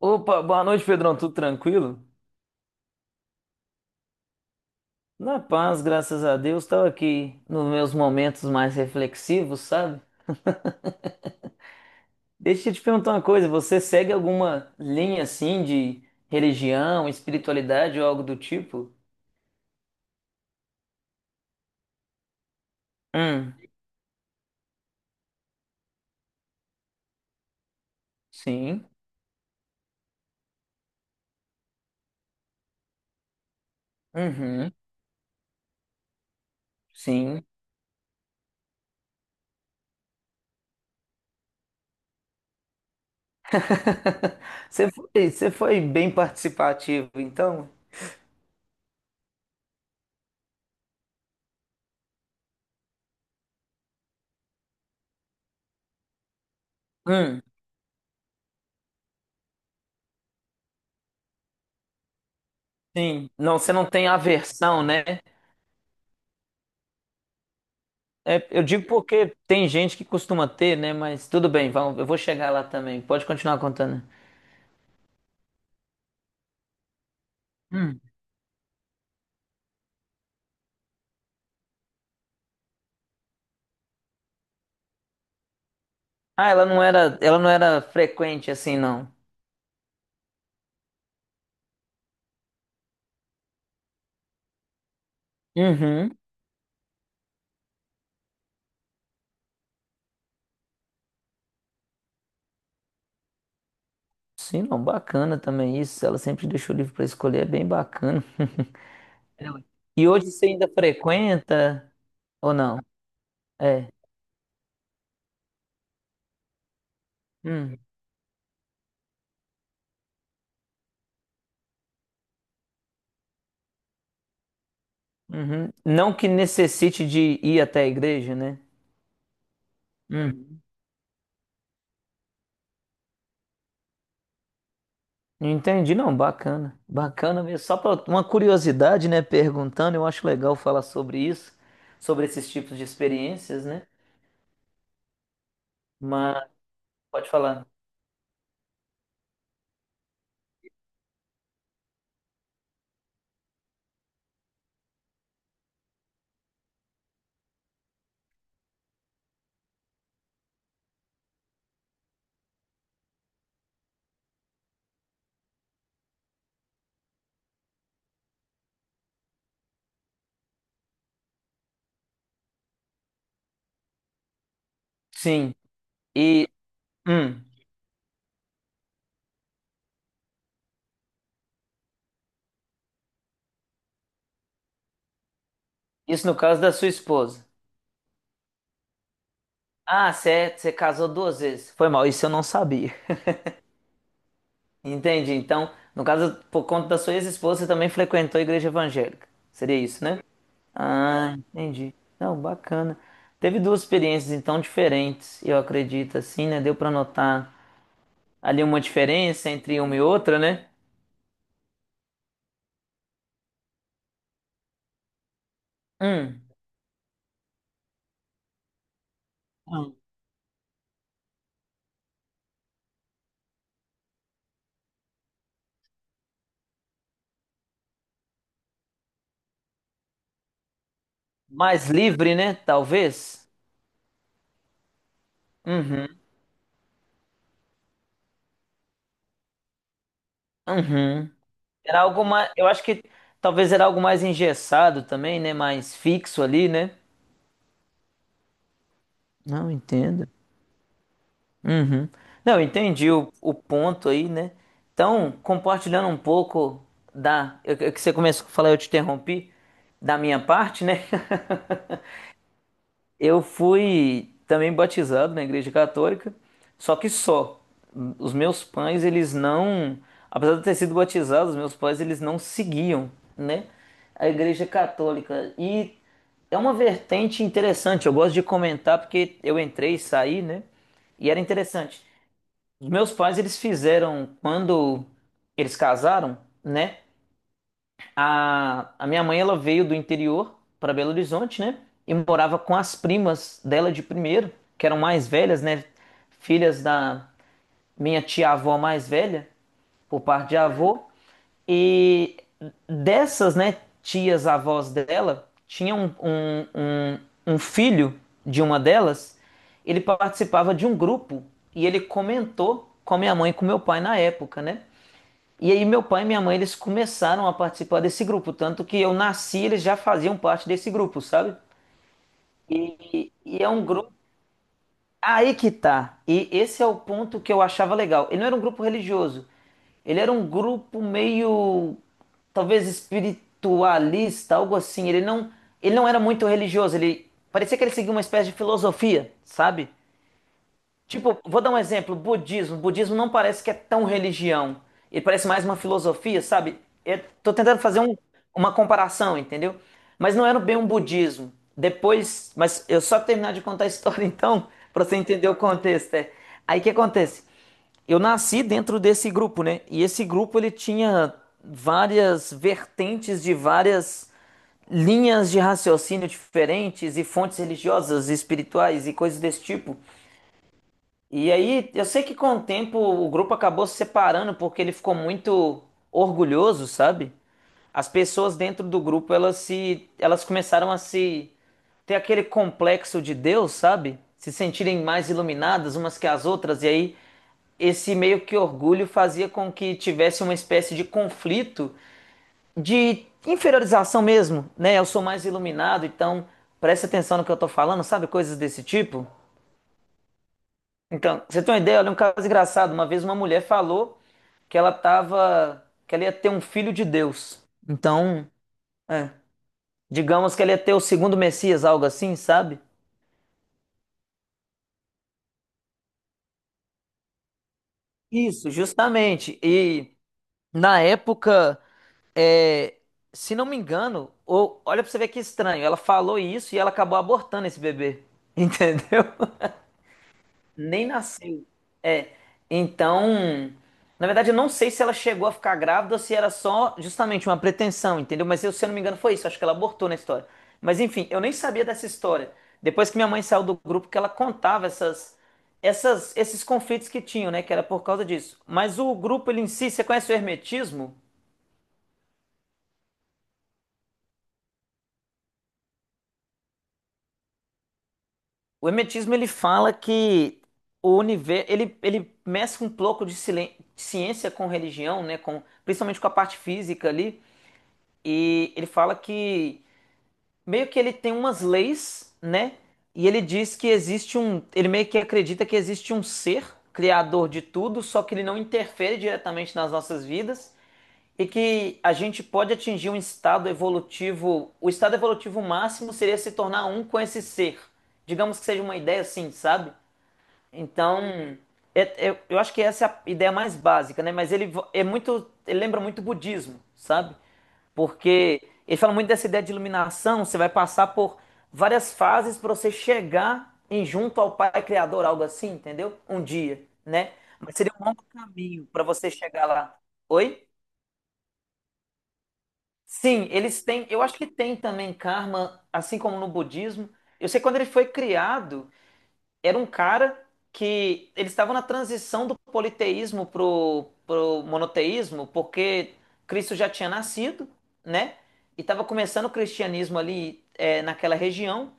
Opa, boa noite, Pedrão. Tudo tranquilo? Na paz, graças a Deus. Estava aqui nos meus momentos mais reflexivos, sabe? Deixa eu te perguntar uma coisa: você segue alguma linha assim de religião, espiritualidade ou algo do tipo? Hum, sim. Uhum, sim. Você foi bem participativo, então? Hum, sim. Não, você não tem aversão, né? É, eu digo porque tem gente que costuma ter, né? Mas tudo bem, vamos, eu vou chegar lá também. Pode continuar contando. Hum. Ah, ela não era frequente assim, não. Uhum. Sim, não, bacana também isso. Ela sempre deixou o livro para escolher, é bem bacana. Ela- E hoje você ainda frequenta ou não? É. Hum, uhum. Não que necessite de ir até a igreja, né? Hum. Entendi, não, bacana. Bacana mesmo. Só para uma curiosidade, né? Perguntando, eu acho legal falar sobre isso, sobre esses tipos de experiências, né? Mas pode falar. Sim. E hum, isso no caso da sua esposa. Ah, você casou duas vezes. Foi mal, isso eu não sabia. Entendi. Então, no caso, por conta da sua ex-esposa, você também frequentou a igreja evangélica. Seria isso, né? Ah, entendi. Não, bacana. Teve duas experiências então diferentes, eu acredito, assim, né? Deu para notar ali uma diferença entre uma e outra, né? Hum, hum. Mais livre, né? Talvez. Uhum, uhum. Era algo mais, eu acho que talvez era algo mais engessado também, né? Mais fixo ali, né? Não, entendo. Uhum. Não, eu entendi o ponto aí, né? Então, compartilhando um pouco da, que você começou a falar, eu te interrompi, da minha parte, né? Eu fui também batizado na Igreja Católica, só que só. Os meus pais, eles não, apesar de eu ter sido batizado, os meus pais, eles não seguiam, né, a Igreja Católica. E é uma vertente interessante, eu gosto de comentar porque eu entrei e saí, né? E era interessante. Os meus pais, eles fizeram quando eles casaram, né? A minha mãe, ela veio do interior para Belo Horizonte, né? E morava com as primas dela de primeiro, que eram mais velhas, né? Filhas da minha tia-avó mais velha, por parte de avô. E dessas, né, tias avós dela, tinha um filho de uma delas, ele participava de um grupo e ele comentou com a minha mãe e com meu pai na época, né? E aí meu pai e minha mãe, eles começaram a participar desse grupo, tanto que eu nasci, eles já faziam parte desse grupo, sabe? E é um grupo. Aí que tá. E esse é o ponto que eu achava legal. Ele não era um grupo religioso. Ele era um grupo meio, talvez espiritualista, algo assim. Ele não era muito religioso. Ele parecia que ele seguia uma espécie de filosofia, sabe? Tipo, vou dar um exemplo, budismo. Budismo não parece que é tão religião. Ele parece mais uma filosofia, sabe? Eu tô tentando fazer uma comparação, entendeu? Mas não era bem um budismo. Depois, mas eu só terminar de contar a história então, pra você entender o contexto. É. Aí o que acontece? Eu nasci dentro desse grupo, né? E esse grupo ele tinha várias vertentes de várias linhas de raciocínio diferentes e fontes religiosas, espirituais e coisas desse tipo. E aí, eu sei que com o tempo o grupo acabou se separando porque ele ficou muito orgulhoso, sabe? As pessoas dentro do grupo, elas começaram a se ter aquele complexo de Deus, sabe? Se sentirem mais iluminadas umas que as outras e aí esse meio que orgulho fazia com que tivesse uma espécie de conflito de inferiorização mesmo, né? Eu sou mais iluminado, então preste atenção no que eu tô falando, sabe? Coisas desse tipo. Então, você tem uma ideia? Olha, um caso engraçado. Uma vez uma mulher falou que ela ia ter um filho de Deus. Então, é, digamos que ela ia ter o segundo Messias, algo assim, sabe? Isso, justamente. E na época, é, se não me engano, ou, olha pra você ver que estranho, ela falou isso e ela acabou abortando esse bebê. Entendeu? Nem nasceu. É. Então, na verdade, eu não sei se ela chegou a ficar grávida ou se era só justamente uma pretensão, entendeu? Mas eu, se eu não me engano, foi isso. Acho que ela abortou na história. Mas enfim, eu nem sabia dessa história. Depois que minha mãe saiu do grupo, que ela contava esses conflitos que tinham, né? Que era por causa disso. Mas o grupo, ele em si, você conhece o hermetismo? O hermetismo, ele fala que o universo, ele mescla um pouco de ciência com religião, né? Com, principalmente com a parte física ali. E ele fala que meio que ele tem umas leis, né? E ele diz que existe um. Ele meio que acredita que existe um ser criador de tudo, só que ele não interfere diretamente nas nossas vidas e que a gente pode atingir um estado evolutivo. O estado evolutivo máximo seria se tornar um com esse ser. Digamos que seja uma ideia assim, sabe? Então, eu acho que essa é a ideia mais básica, né? Mas ele é muito. Ele lembra muito o budismo, sabe? Porque ele fala muito dessa ideia de iluminação, você vai passar por várias fases para você chegar em junto ao Pai Criador, algo assim, entendeu? Um dia, né? Mas seria um longo caminho para você chegar lá. Oi? Sim, eles têm, eu acho que tem também karma, assim como no budismo. Eu sei que quando ele foi criado, era um cara que eles estavam na transição do politeísmo pro monoteísmo, porque Cristo já tinha nascido, né? E estava começando o cristianismo ali naquela região.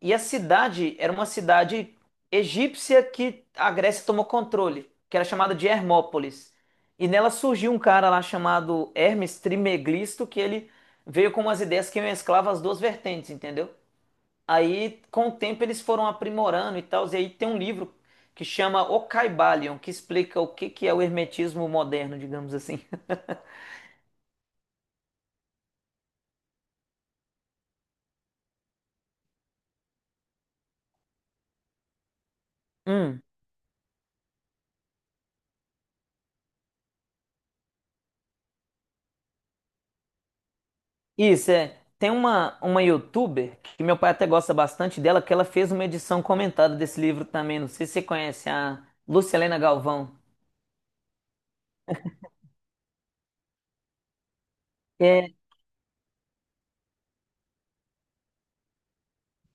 E a cidade era uma cidade egípcia que a Grécia tomou controle, que era chamada de Hermópolis. E nela surgiu um cara lá chamado Hermes Trismegisto, que ele veio com umas ideias que mesclavam as duas vertentes, entendeu? Aí, com o tempo, eles foram aprimorando e tal. E aí tem um livro que chama O Caibalion, que explica o que que é o hermetismo moderno, digamos assim. Hum, isso é. Tem uma youtuber que meu pai até gosta bastante dela, que ela fez uma edição comentada desse livro também. Não sei se você conhece a Luciana Galvão. É,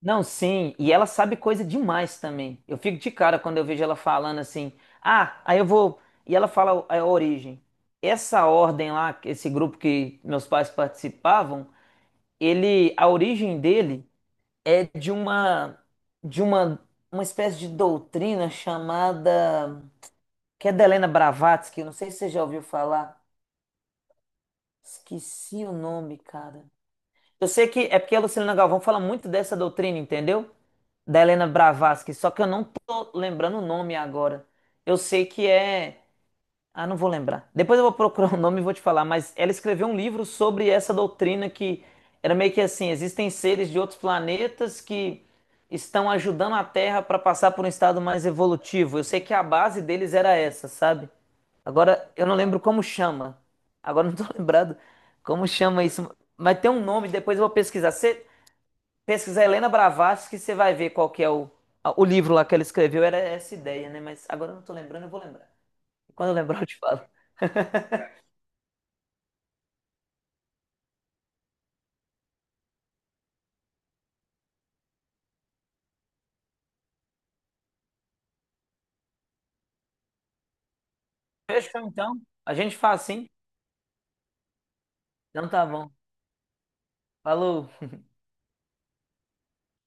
não, sim, e ela sabe coisa demais também. Eu fico de cara quando eu vejo ela falando assim: "Ah, aí eu vou". E ela fala a origem. Essa ordem lá, esse grupo que meus pais participavam, ele, a origem dele é de uma espécie de doutrina chamada que é da Helena Blavatsky, eu não sei se você já ouviu falar. Esqueci o nome, cara. Eu sei que é porque a Lucilena Galvão fala muito dessa doutrina, entendeu? Da Helena Blavatsky, só que eu não tô lembrando o nome agora. Eu sei que é. Ah, não vou lembrar. Depois eu vou procurar o nome e vou te falar, mas ela escreveu um livro sobre essa doutrina que era meio que assim: existem seres de outros planetas que estão ajudando a Terra para passar por um estado mais evolutivo. Eu sei que a base deles era essa, sabe? Agora eu não lembro como chama. Agora eu não tô lembrado como chama isso. Mas tem um nome, depois eu vou pesquisar. Você Pesquisar Helena Blavatsky, que você vai ver qual que é o livro lá que ela escreveu, era essa ideia, né? Mas agora eu não tô lembrando, eu vou lembrar. Quando eu lembrar, eu te falo. Fechou, então. A gente faz assim. Então tá bom. Falou.